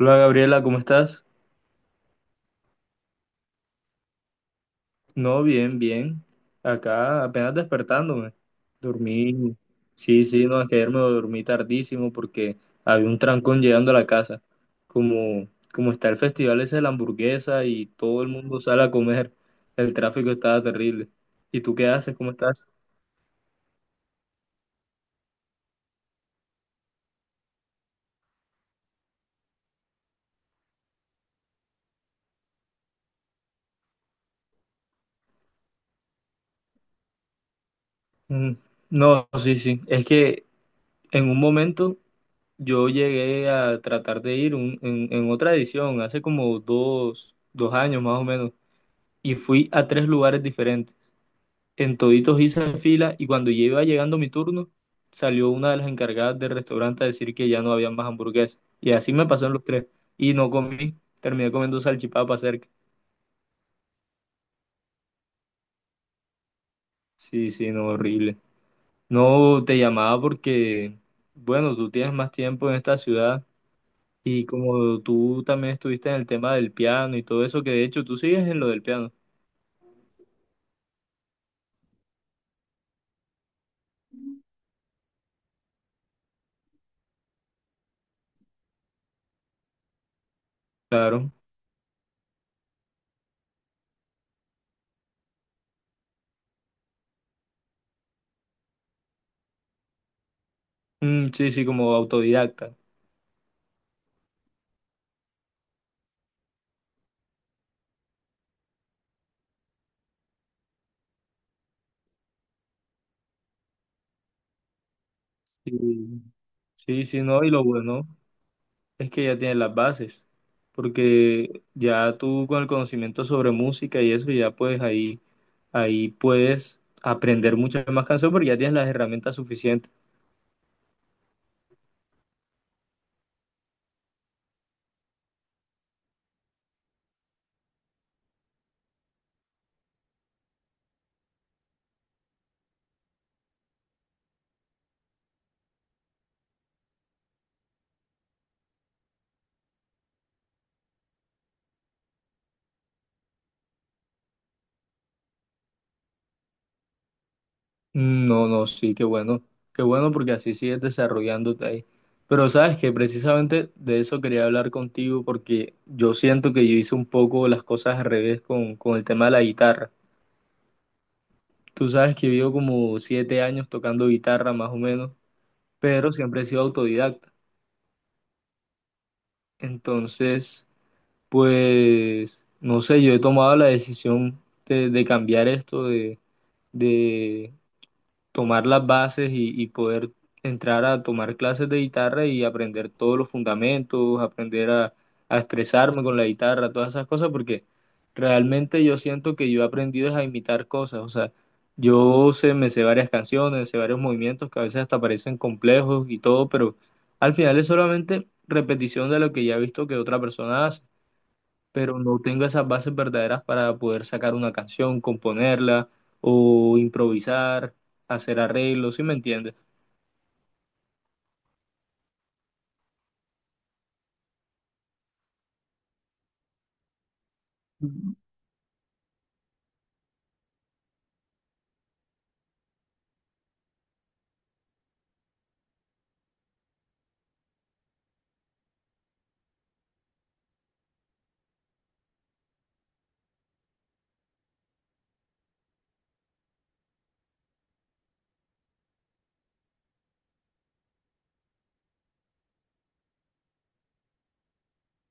Hola Gabriela, ¿cómo estás? No, bien, bien. Acá apenas despertándome. Dormí. Sí, sí, no, es que ayer me dormí tardísimo porque había un trancón llegando a la casa. Como, como está el festival ese de la hamburguesa y todo el mundo sale a comer, el tráfico estaba terrible. ¿Y tú qué haces? ¿Cómo estás? Mm. No, sí, sí. Es que en un momento yo llegué a tratar de ir en otra edición, hace como dos años más o menos y fui a tres lugares diferentes. En toditos hice fila y cuando ya iba llegando mi turno, salió una de las encargadas del restaurante a decir que ya no había más hamburguesas. Y así me pasó en los tres. Y no comí, terminé comiendo salchipapa cerca. Sí, sí, no, horrible. No te llamaba porque, bueno, tú tienes más tiempo en esta ciudad y como tú también estuviste en el tema del piano y todo eso, que de hecho tú sigues en lo del piano. Claro. Mm, sí, sí, como autodidacta. Sí, sí, sí, no, y lo bueno es que ya tienes las bases, porque ya tú con el conocimiento sobre música y eso, ya pues ahí, ahí puedes aprender muchas más canciones porque ya tienes las herramientas suficientes. No, no, sí, qué bueno porque así sigues desarrollándote ahí. Pero sabes que precisamente de eso quería hablar contigo porque yo siento que yo hice un poco las cosas al revés con el tema de la guitarra. Tú sabes que yo como 7 años tocando guitarra más o menos, pero siempre he sido autodidacta. Entonces, pues, no sé, yo he tomado la decisión de cambiar esto, de tomar las bases y poder entrar a tomar clases de guitarra y aprender todos los fundamentos, aprender a expresarme con la guitarra, todas esas cosas, porque realmente yo siento que yo he aprendido es a imitar cosas, o sea, yo sé, me sé varias canciones, sé varios movimientos que a veces hasta parecen complejos y todo, pero al final es solamente repetición de lo que ya he visto que otra persona hace, pero no tengo esas bases verdaderas para poder sacar una canción, componerla o improvisar, hacer arreglos, ¿sí me entiendes?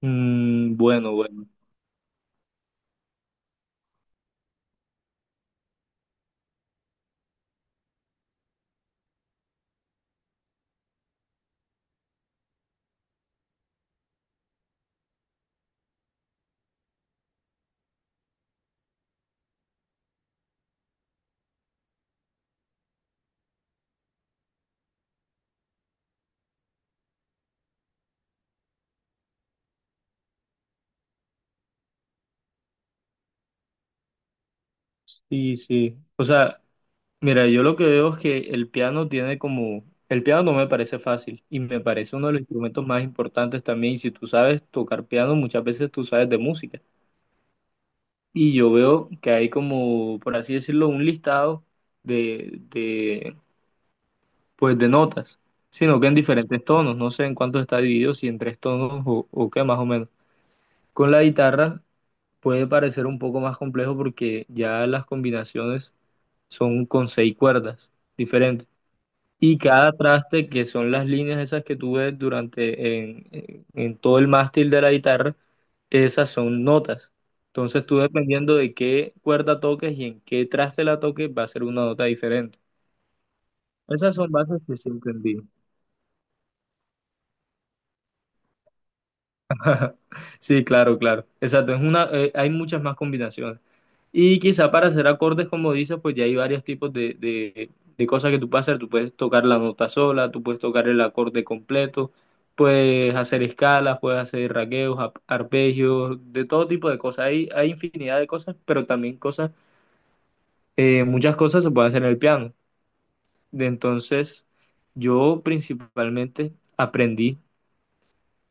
Mm, bueno, bueno. Sí, sí. O sea, mira, yo lo que veo es que el piano tiene como. El piano no me parece fácil y me parece uno de los instrumentos más importantes también. Y si tú sabes tocar piano, muchas veces tú sabes de música. Y yo veo que hay como, por así decirlo, un listado de, pues de notas, sino que en diferentes tonos, no sé en cuánto está dividido, si en tres tonos o qué más o menos. Con la guitarra puede parecer un poco más complejo porque ya las combinaciones son con seis cuerdas diferentes. Y cada traste, que son las líneas esas que tú ves durante en todo el mástil de la guitarra, esas son notas. Entonces tú dependiendo de qué cuerda toques y en qué traste la toques, va a ser una nota diferente. Esas son bases que siempre envío. Sí, claro, claro. Exacto, hay muchas más combinaciones. Y quizá para hacer acordes, como dices, pues ya hay varios tipos de cosas que tú puedes hacer. Tú puedes tocar la nota sola, tú puedes tocar el acorde completo, puedes hacer escalas, puedes hacer raqueos, arpegios, de todo tipo de cosas. Hay infinidad de cosas, pero también cosas, muchas cosas se pueden hacer en el piano. De Entonces, yo principalmente aprendí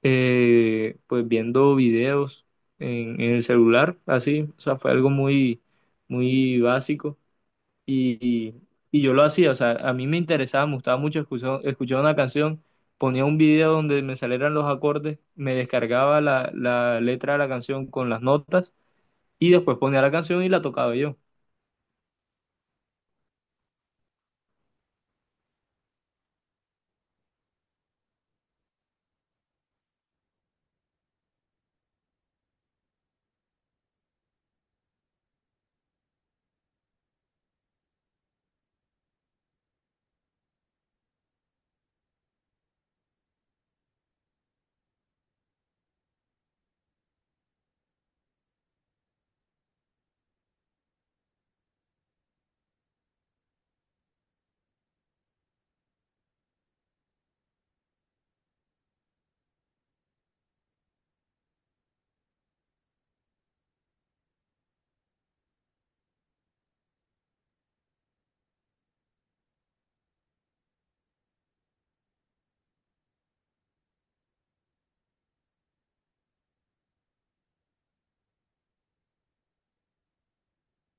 pues viendo videos en el celular, así, o sea, fue algo muy, muy básico y, y- y yo lo hacía, o sea, a mí me interesaba, me gustaba mucho escuchar una canción, ponía un video donde me salieran los acordes, me descargaba la letra de la canción con las notas y después ponía la canción y la tocaba yo.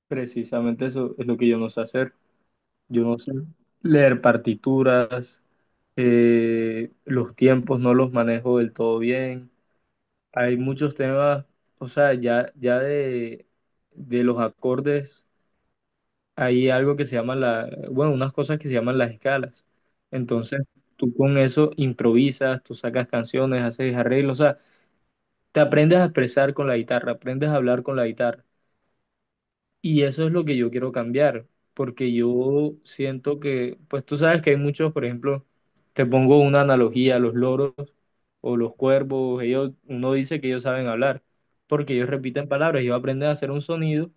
Precisamente eso es lo que yo no sé hacer, yo no sé leer partituras. Los tiempos no los manejo del todo bien. Hay muchos temas, o sea, ya, ya de los acordes, hay algo que se llama bueno, unas cosas que se llaman las escalas. Entonces, tú con eso improvisas, tú sacas canciones, haces arreglos, o sea, te aprendes a expresar con la guitarra, aprendes a hablar con la guitarra. Y eso es lo que yo quiero cambiar, porque yo siento que, pues tú sabes que hay muchos, por ejemplo, te pongo una analogía, los loros, o los cuervos, ellos uno dice que ellos saben hablar, porque ellos repiten palabras, ellos aprenden a hacer un sonido,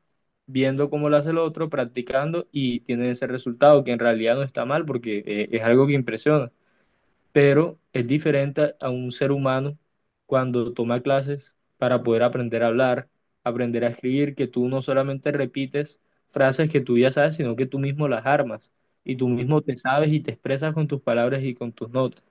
viendo cómo lo hace el otro, practicando y tienen ese resultado que en realidad no está mal porque es algo que impresiona, pero es diferente a un ser humano cuando toma clases para poder aprender a hablar, aprender a escribir, que tú no solamente repites frases que tú ya sabes, sino que tú mismo las armas. Y tú mismo te sabes y te expresas con tus palabras y con tus notas.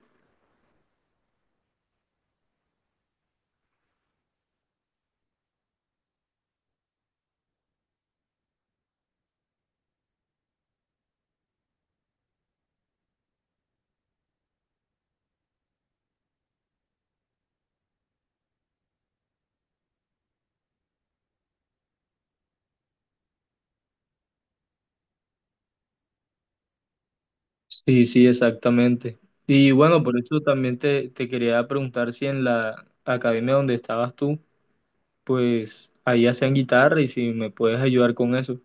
Sí, sí, exactamente. Y bueno, por eso también te quería preguntar si en la academia donde estabas tú, pues ahí hacían guitarra y si me puedes ayudar con eso.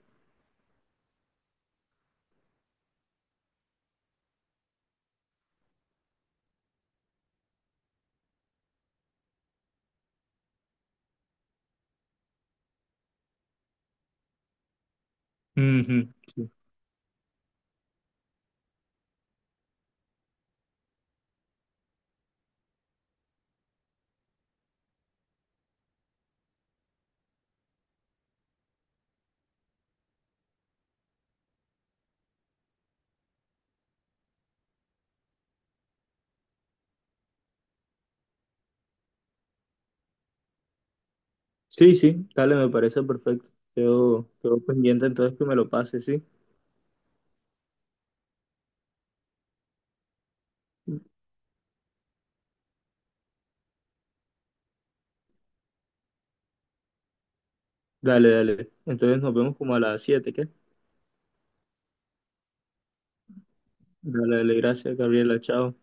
Ujú, sí. Sí, sí, dale, me parece perfecto. Quedo pendiente entonces que me lo pases, sí. Dale, dale. Entonces nos vemos como a las 7, ¿qué? Dale, dale, gracias, Gabriela, chao.